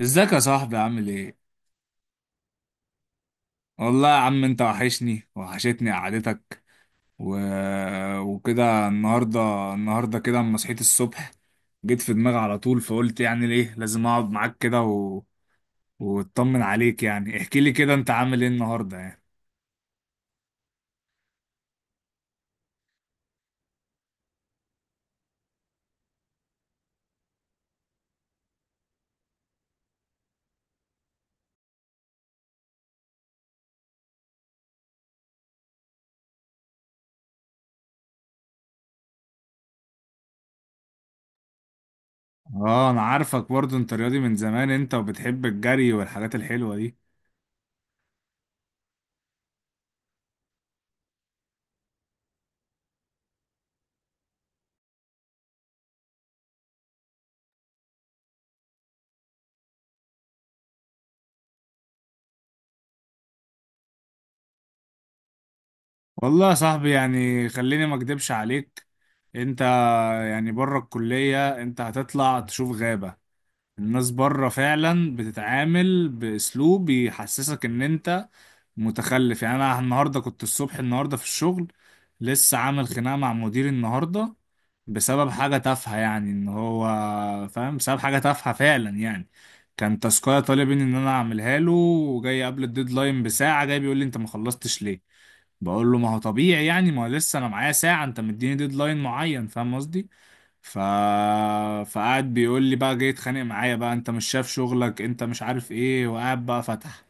ازيك يا صاحبي عامل ايه؟ والله يا عم انت وحشني وحشتني قعدتك. و... وكده النهارده. كده اما صحيت الصبح جيت في دماغي على طول، فقلت يعني ليه لازم اقعد معاك كده واطمن عليك. يعني احكي لي كده، انت عامل ايه النهارده يعني؟ اه انا عارفك برضو، انت رياضي من زمان انت، وبتحب الجري والحاجات الحلوة دي. والله يا صاحبي، يعني خليني ما اكدبش عليك. انت يعني بره الكلية انت هتطلع تشوف غابة. الناس بره فعلا بتتعامل باسلوب بيحسسك ان انت متخلف. يعني انا النهارده كنت الصبح، النهارده في الشغل لسه عامل خناقه مع مديري النهارده بسبب حاجه تافهه. يعني ان هو فاهم، بسبب حاجه تافهه فعلا يعني. كان تاسكايه طالب مني ان انا اعملها له، وجاي قبل الديدلاين بساعه، جاي بيقول لي انت ما خلصتش ليه؟ بقول له ما هو طبيعي يعني، ما هو لسه انا معايا ساعه، انت مديني ديدلاين معين، فاهم قصدي؟ ف... فقعد بيقول لي بقى، جاي يتخانق معايا بقى، انت مش شايف شغلك، انت مش عارف ايه، وقاعد بقى فتح.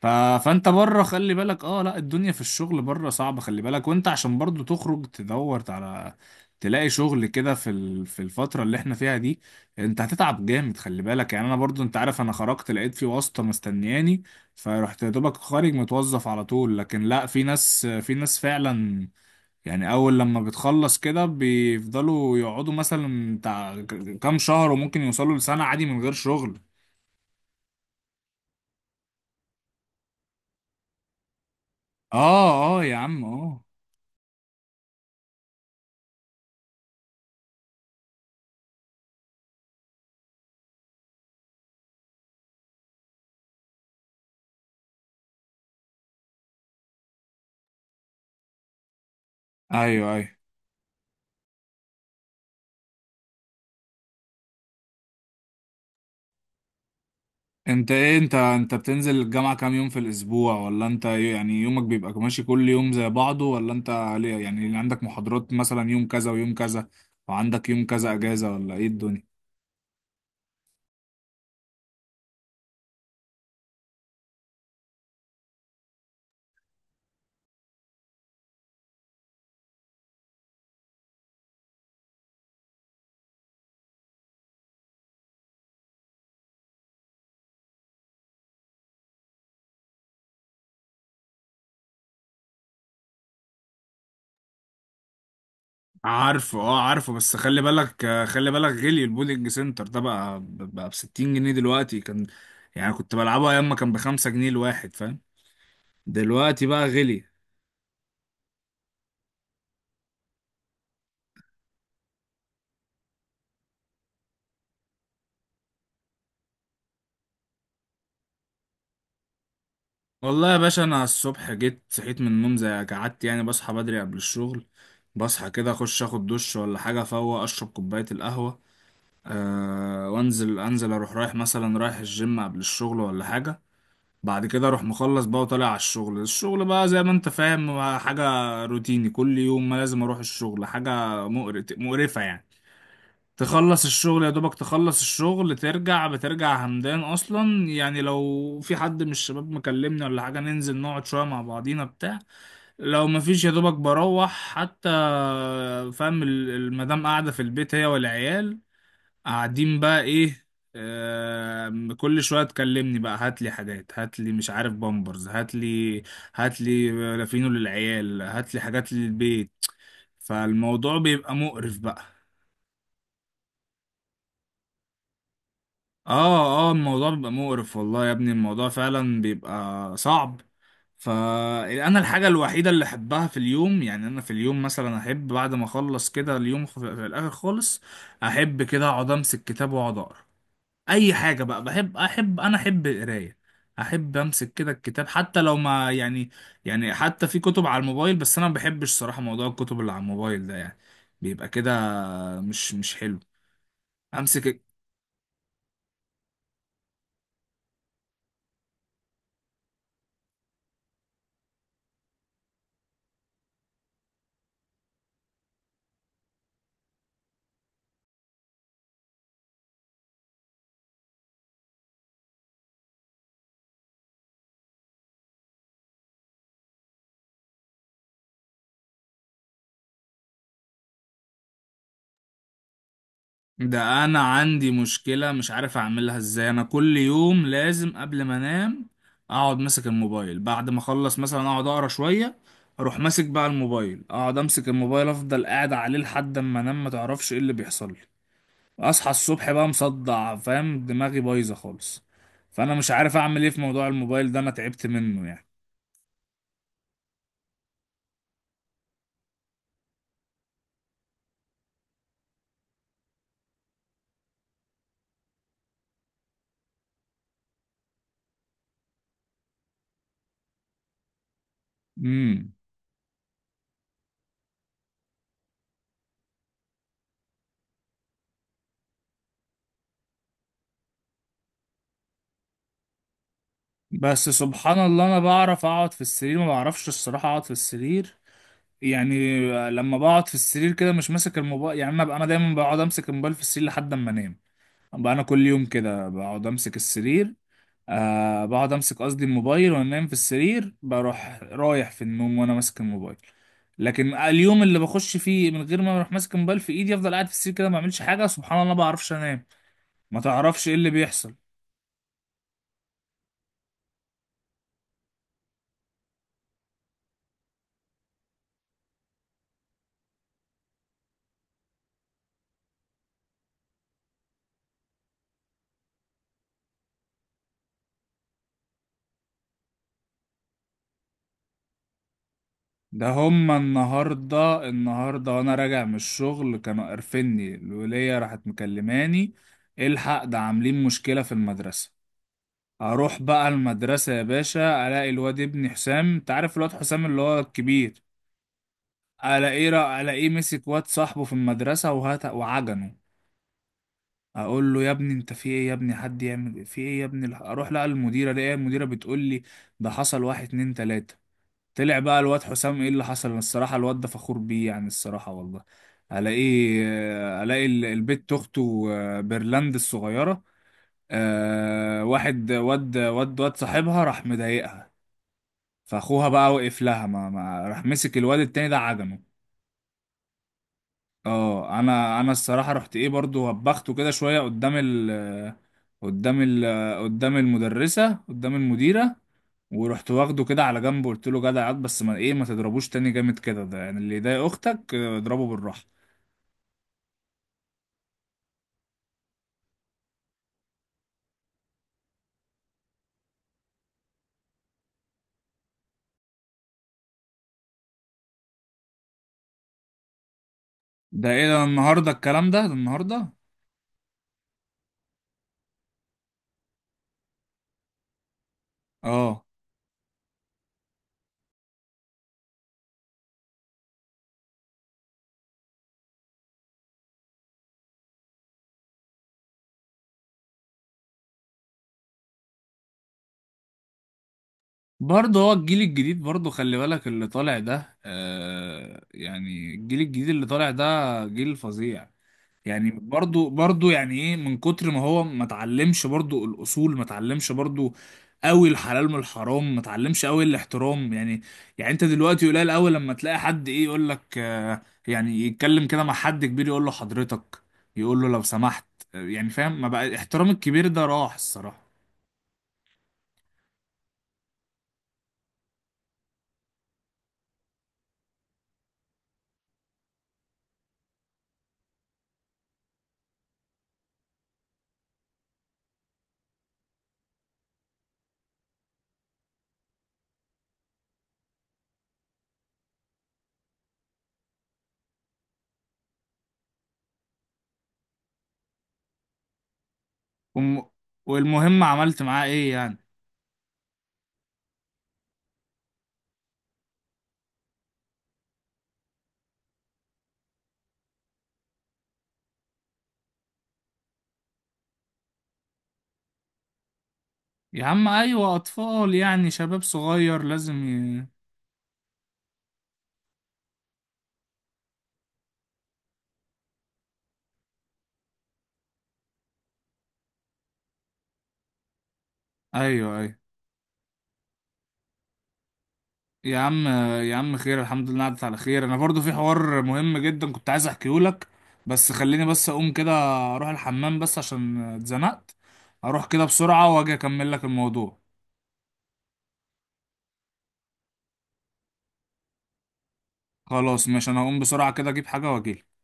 ف... فانت بره خلي بالك. اه لا، الدنيا في الشغل بره صعبة، خلي بالك. وانت عشان برضو تخرج تدور على تلاقي شغل كده في في الفترة اللي احنا فيها دي، انت هتتعب جامد، خلي بالك. يعني انا برضو انت عارف، انا خرجت لقيت في واسطة مستنياني، فرحت يا دوبك خارج متوظف على طول. لكن لا، في ناس، في ناس فعلا يعني اول لما بتخلص كده بيفضلوا يقعدوا مثلا بتاع كام شهر، وممكن يوصلوا لسنة عادي من غير شغل. اه اه يا عم اه. ايوه ايوه. انت ايه؟ انت بتنزل الجامعة كام يوم في الاسبوع؟ ولا انت يعني يومك بيبقى ماشي كل يوم زي بعضه؟ ولا انت ليه يعني عندك محاضرات مثلا يوم كذا ويوم كذا، وعندك يوم كذا اجازة، ولا ايه الدنيا؟ عارفه اه، عارفه بس خلي بالك. خلي بالك، غلي البولينج سنتر ده بقى. ب 60 جنيه دلوقتي، كان يعني كنت بلعبه ايام ما كان ب5 جنيه الواحد، فاهم؟ دلوقتي بقى غلي. والله يا باشا انا الصبح جيت صحيت من النوم، زي قعدت يعني. بصحى بدري قبل الشغل، بصحى كده اخش اخد دش ولا حاجه، فوق اشرب كوبايه القهوه. أه وانزل، انزل اروح رايح مثلا رايح الجيم قبل الشغل ولا حاجه. بعد كده اروح مخلص بقى وطالع على الشغل. الشغل بقى زي ما انت فاهم، حاجة روتيني كل يوم، ما لازم اروح الشغل. حاجة مقرف مقرفة يعني. تخلص الشغل يا دوبك، تخلص الشغل ترجع، بترجع همدان اصلا يعني. لو في حد من الشباب مكلمني ولا حاجة، ننزل نقعد شوية مع بعضينا بتاع. لو مفيش، يا دوبك بروح حتى، فاهم؟ المدام قاعدة في البيت، هي والعيال قاعدين بقى ايه. كل شويه تكلمني بقى، هات لي حاجات، هات لي مش عارف بامبرز، هات لي، هات لي لافينو للعيال، هات لي حاجات للبيت. فالموضوع بيبقى مقرف بقى. اه اه، الموضوع بيبقى مقرف، والله يا ابني الموضوع فعلا بيبقى صعب. فانا الحاجه الوحيده اللي احبها في اليوم، يعني انا في اليوم مثلا احب بعد ما اخلص كده اليوم، في الاخر خالص احب كده اقعد امسك كتاب واقعد اقرا. اي حاجه بقى بحب، احب، انا احب القرايه. احب امسك كده الكتاب حتى لو ما يعني، يعني حتى في كتب على الموبايل، بس انا ما بحبش صراحه موضوع الكتب اللي على الموبايل ده، يعني بيبقى كده مش حلو. امسك. ده انا عندي مشكله مش عارف اعملها ازاي، انا كل يوم لازم قبل ما انام اقعد ماسك الموبايل. بعد ما اخلص مثلا اقعد اقرا شويه، اروح ماسك بقى الموبايل، اقعد امسك الموبايل افضل قاعد عليه لحد اما انام، ما تعرفش ايه اللي بيحصل لي. اصحى الصبح بقى مصدع، فاهم، دماغي بايظه خالص. فانا مش عارف اعمل ايه في موضوع الموبايل ده، انا تعبت منه يعني. امم بس سبحان الله انا بعرف اقعد في السرير، ما بعرفش الصراحه اقعد في السرير يعني. لما بقعد في السرير كده مش ماسك الموبايل يعني، انا بقى انا دايما بقعد امسك الموبايل في السرير لحد اما انام. بقى انا كل يوم كده بقعد امسك السرير. آه بقعد امسك، قصدي الموبايل، وانا نايم في السرير بروح رايح في النوم وانا ماسك الموبايل. لكن اليوم اللي بخش فيه من غير ما اروح ماسك الموبايل في ايدي، افضل قاعد في السرير كده ما اعملش حاجه، سبحان الله ما بعرفش انام. ما تعرفش ايه اللي بيحصل. ده هما النهارده، النهارده وانا راجع من الشغل كانوا قرفني، الوليه راحت مكلماني. إيه الحق ده؟ عاملين مشكله في المدرسه. اروح بقى المدرسة يا باشا، الاقي الواد ابن حسام. انت عارف الواد حسام اللي هو الكبير؟ الاقيه مسك واد صاحبه في المدرسة، وهات وعجنه. اقول له يا ابني انت في ايه يا ابني؟ حد يعمل إيه؟ في ايه يا ابني؟ اروح لقى المديرة، الاقي المديرة بتقول لي ده حصل واحد اتنين تلاتة. طلع بقى الواد حسام ايه اللي حصل، الصراحة الواد ده فخور بيه يعني، الصراحة والله. الاقيه، الاقي البت اخته، بيرلاند الصغيرة، آه، واحد واد صاحبها راح مضايقها، فاخوها بقى وقف لها. ما راح مسك الواد التاني ده عدمه. اه، انا الصراحه رحت ايه برضو وبخته كده شويه قدام ال قدام المدرسه، قدام المديره. ورحت واخده كده على جنب، قلت له جدع ياض، بس ما ايه، ما تضربوش تاني جامد كده ده، يعني اللي يضايق اختك، آه، اضربه بالراحه. ده ايه ده النهارده الكلام ده؟ ده النهارده. اه. برضه هو الجيل الجديد، برضه خلي بالك اللي طالع ده. آه، يعني الجيل الجديد اللي طالع ده جيل فظيع يعني. برضو، برضو، يعني ايه، من كتر ما هو ما اتعلمش برضو الاصول، ما اتعلمش برضو قوي الحلال من الحرام، ما اتعلمش قوي الاحترام يعني. يعني انت دلوقتي قليل قوي لما تلاقي حد ايه، يقول لك، آه، يعني يتكلم كده مع حد كبير يقول له حضرتك، يقول له لو سمحت، آه، يعني فاهم. ما بقى احترام الكبير، ده راح الصراحة. وم- والمهم عملت معاه ايه يعني؟ يا عم، ايوه، اطفال يعني، شباب صغير لازم ايوه ايوه. يا عم، يا عم خير الحمد لله عدت على خير. انا برضو في حوار مهم جدا كنت عايز احكيه لك، بس خليني بس اقوم كده. اروح الحمام بس عشان اتزنقت، اروح كده بسرعة واجي اكمل لك الموضوع. خلاص ماشي، انا هقوم بسرعة كده اجيب حاجة واجيلك.